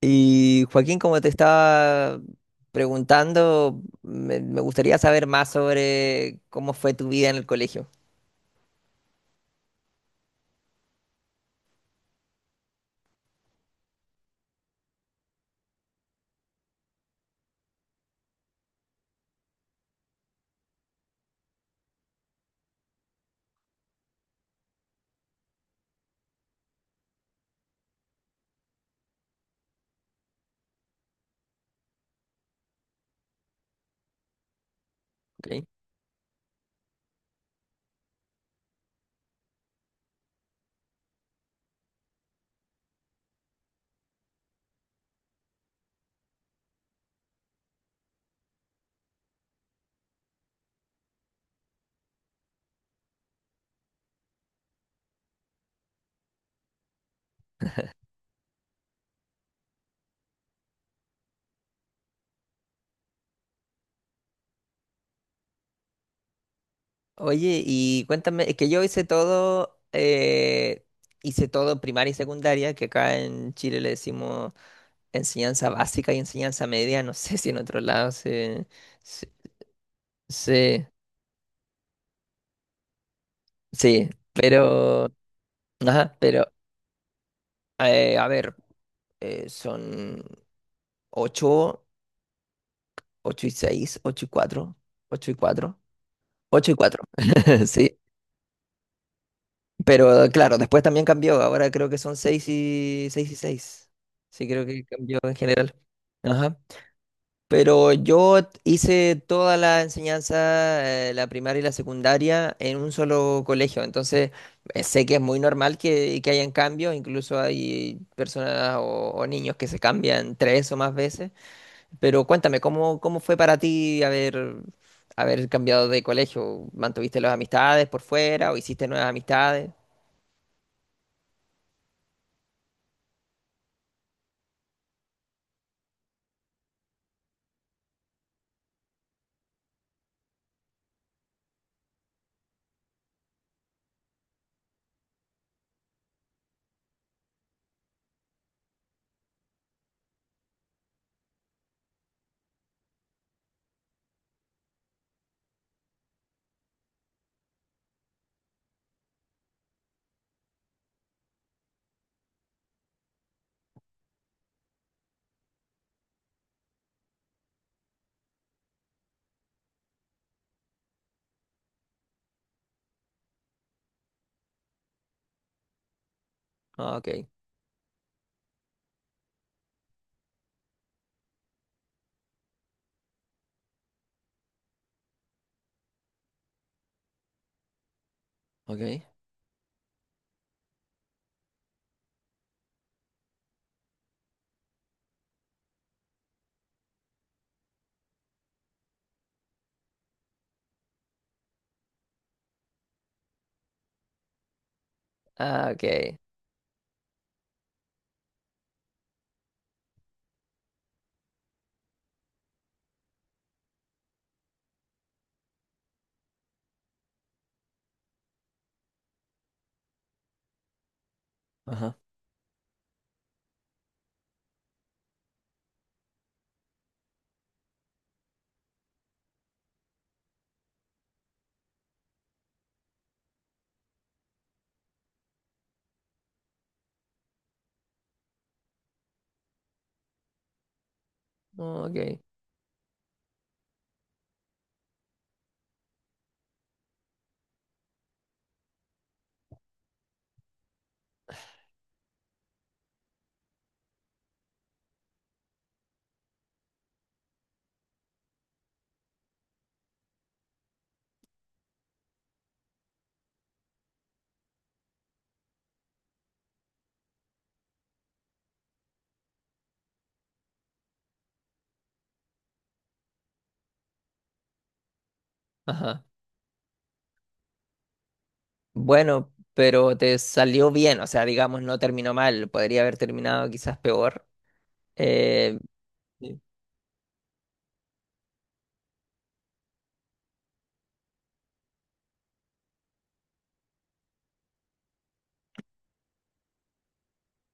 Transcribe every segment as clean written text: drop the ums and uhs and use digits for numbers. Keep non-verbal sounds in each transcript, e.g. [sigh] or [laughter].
Y Joaquín, como te estaba preguntando, me gustaría saber más sobre cómo fue tu vida en el colegio. ¿Ok? Oye, y cuéntame, es que yo hice todo primaria y secundaria, que acá en Chile le decimos enseñanza básica y enseñanza media, no [laughs] sé si en otros lados se, se- se- sí, pero, ajá, pero, a ver, son ocho. Ocho y seis, 8 y cuatro, 8 y cuatro, 8 y cuatro. [laughs] Sí, pero claro, después también cambió. Ahora creo que son 6 y 6 y seis. Sí, creo que cambió en general. Ajá. Pero yo hice toda la enseñanza, la primaria y la secundaria, en un solo colegio. Entonces, sé que es muy normal que hayan cambios. Incluso hay personas o niños que se cambian tres o más veces. Pero cuéntame, ¿cómo, cómo fue para ti haber, haber cambiado de colegio? ¿Mantuviste las amistades por fuera o hiciste nuevas amistades? Ah, ok, ok. Ah, ok. Ajá. Ok. Ajá. Bueno, pero te salió bien, o sea, digamos, no terminó mal. Podría haber terminado quizás peor. Eh, Sí.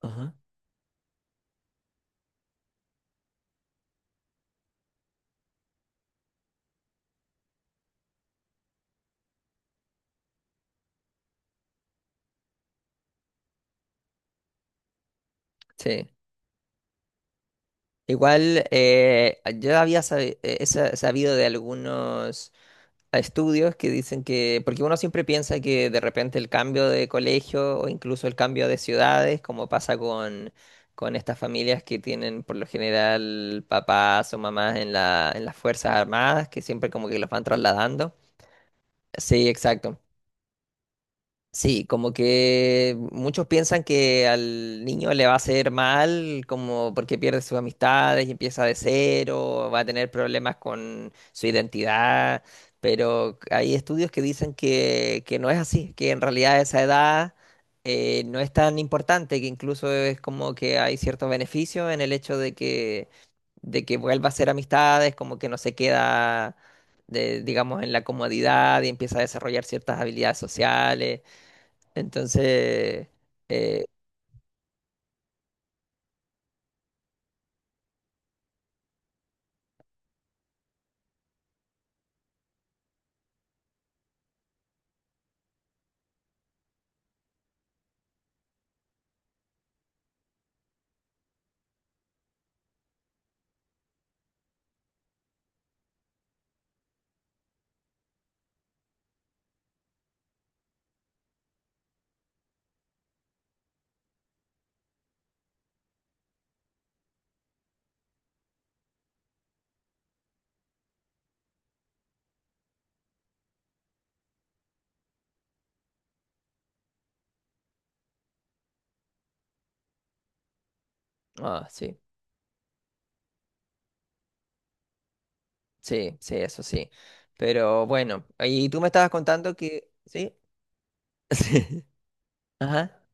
Ajá. Sí. Igual, yo había sabido de algunos. A estudios que dicen que, porque uno siempre piensa que de repente el cambio de colegio o incluso el cambio de ciudades, como pasa con estas familias que tienen por lo general papás o mamás en la, en las Fuerzas Armadas, que siempre como que los van trasladando. Sí, exacto. Sí, como que muchos piensan que al niño le va a hacer mal, como porque pierde sus amistades y empieza de cero, va a tener problemas con su identidad, pero hay estudios que dicen que no es así, que en realidad esa edad no es tan importante, que incluso es como que hay ciertos beneficios en el hecho de que vuelva a hacer amistades, como que no se queda, digamos, en la comodidad y empieza a desarrollar ciertas habilidades sociales. Entonces, eh, ah, sí, sí, sí, eso sí. Pero bueno, y tú me estabas contando que, sí, [laughs] sí, ajá,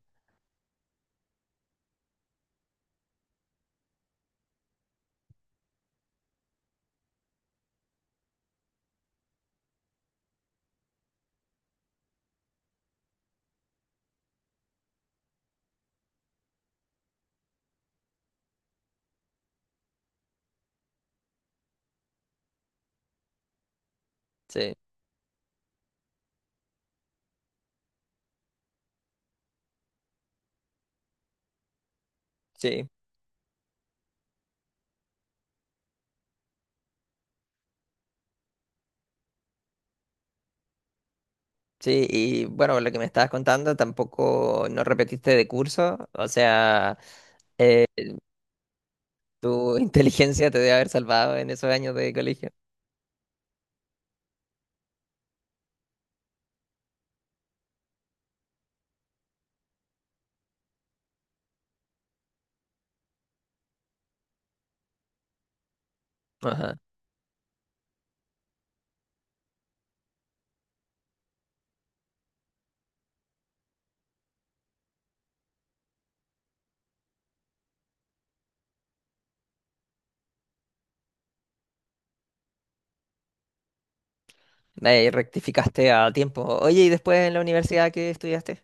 sí, sí, sí, y bueno, lo que me estabas contando tampoco no repetiste de curso, o sea, eh, tu [laughs] inteligencia te debe haber salvado en esos años de colegio. Ajá, ahí rectificaste a tiempo. Oye, ¿y después en la universidad qué estudiaste?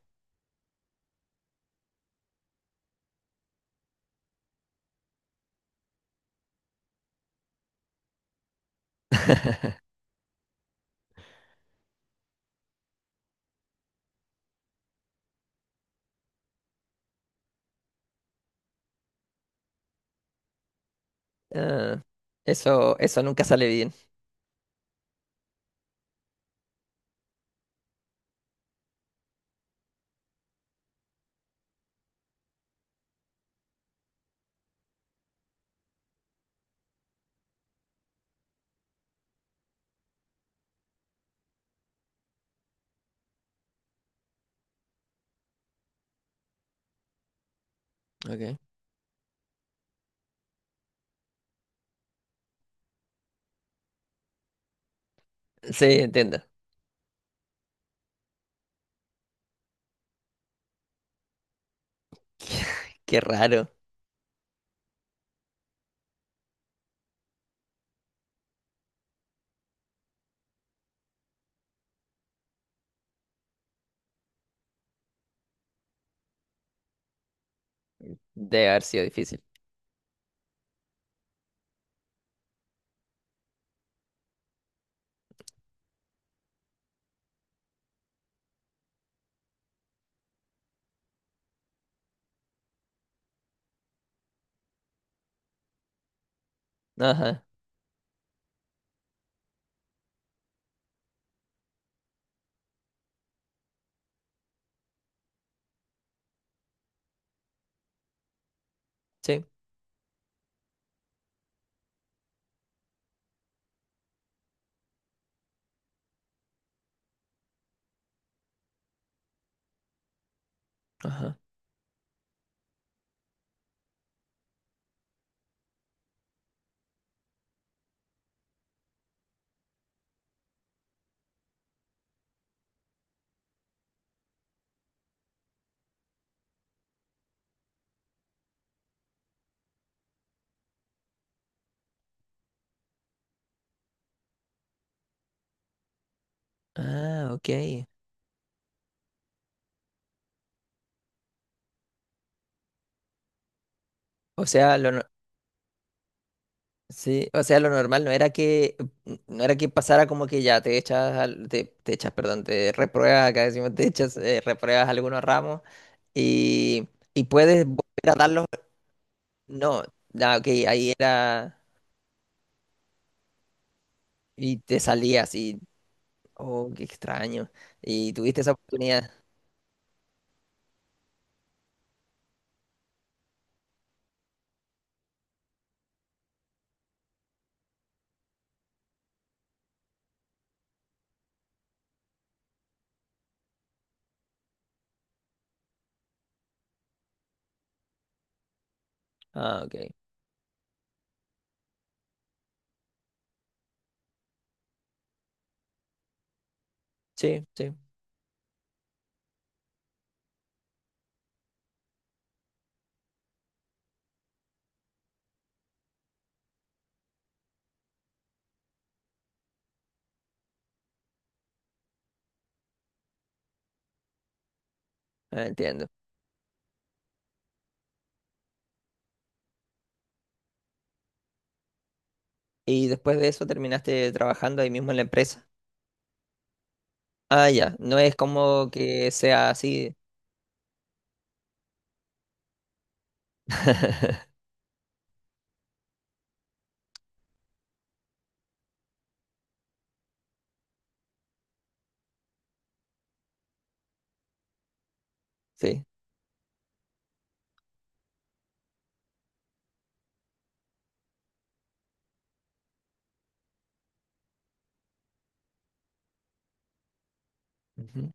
Ah, eso nunca sale bien. Okay. Sí, entiendo. [laughs] Qué raro. Debe haber sido difícil. Ajá, sí, ajá. Ah, ok. O sea, lo, no, sí, o sea, lo normal no era que, no era que pasara como que ya te echas, te, te echas, perdón, te repruebas, acá decimos te echas, repruebas algunos ramos y, y puedes volver a darlos. No, ah, ok, ahí era y te salías y, oh, qué extraño. Y tuviste esa oportunidad. Ah, ok. Sí, sí, entiendo. Y después de eso terminaste trabajando ahí mismo en la empresa. Ah, ya, no es como que sea así. [laughs] Sí. Ujú.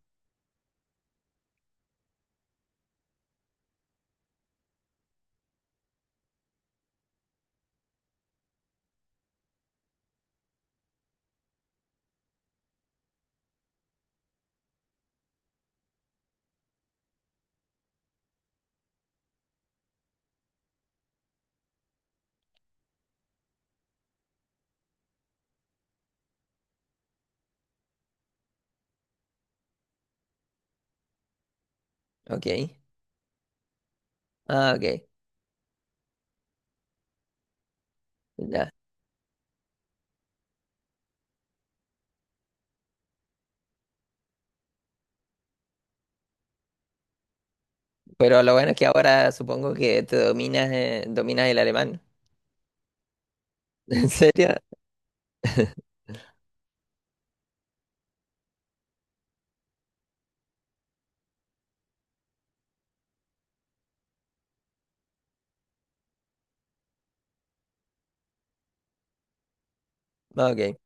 Ok. Ah, ok. Ya. Pero lo bueno es que ahora supongo que te dominas, dominas el alemán. [laughs] ¿En serio? Ah, ok.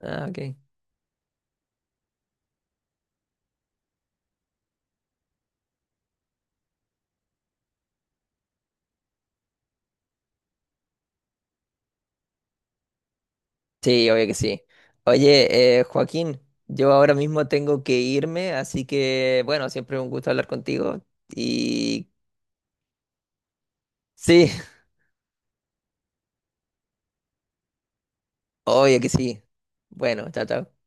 Ah, ok. Sí, obvio que sí. Oye, Joaquín, yo ahora mismo tengo que irme, así que bueno, siempre un gusto hablar contigo. Y sí, [laughs] obvio que sí. Bueno, chao, chao.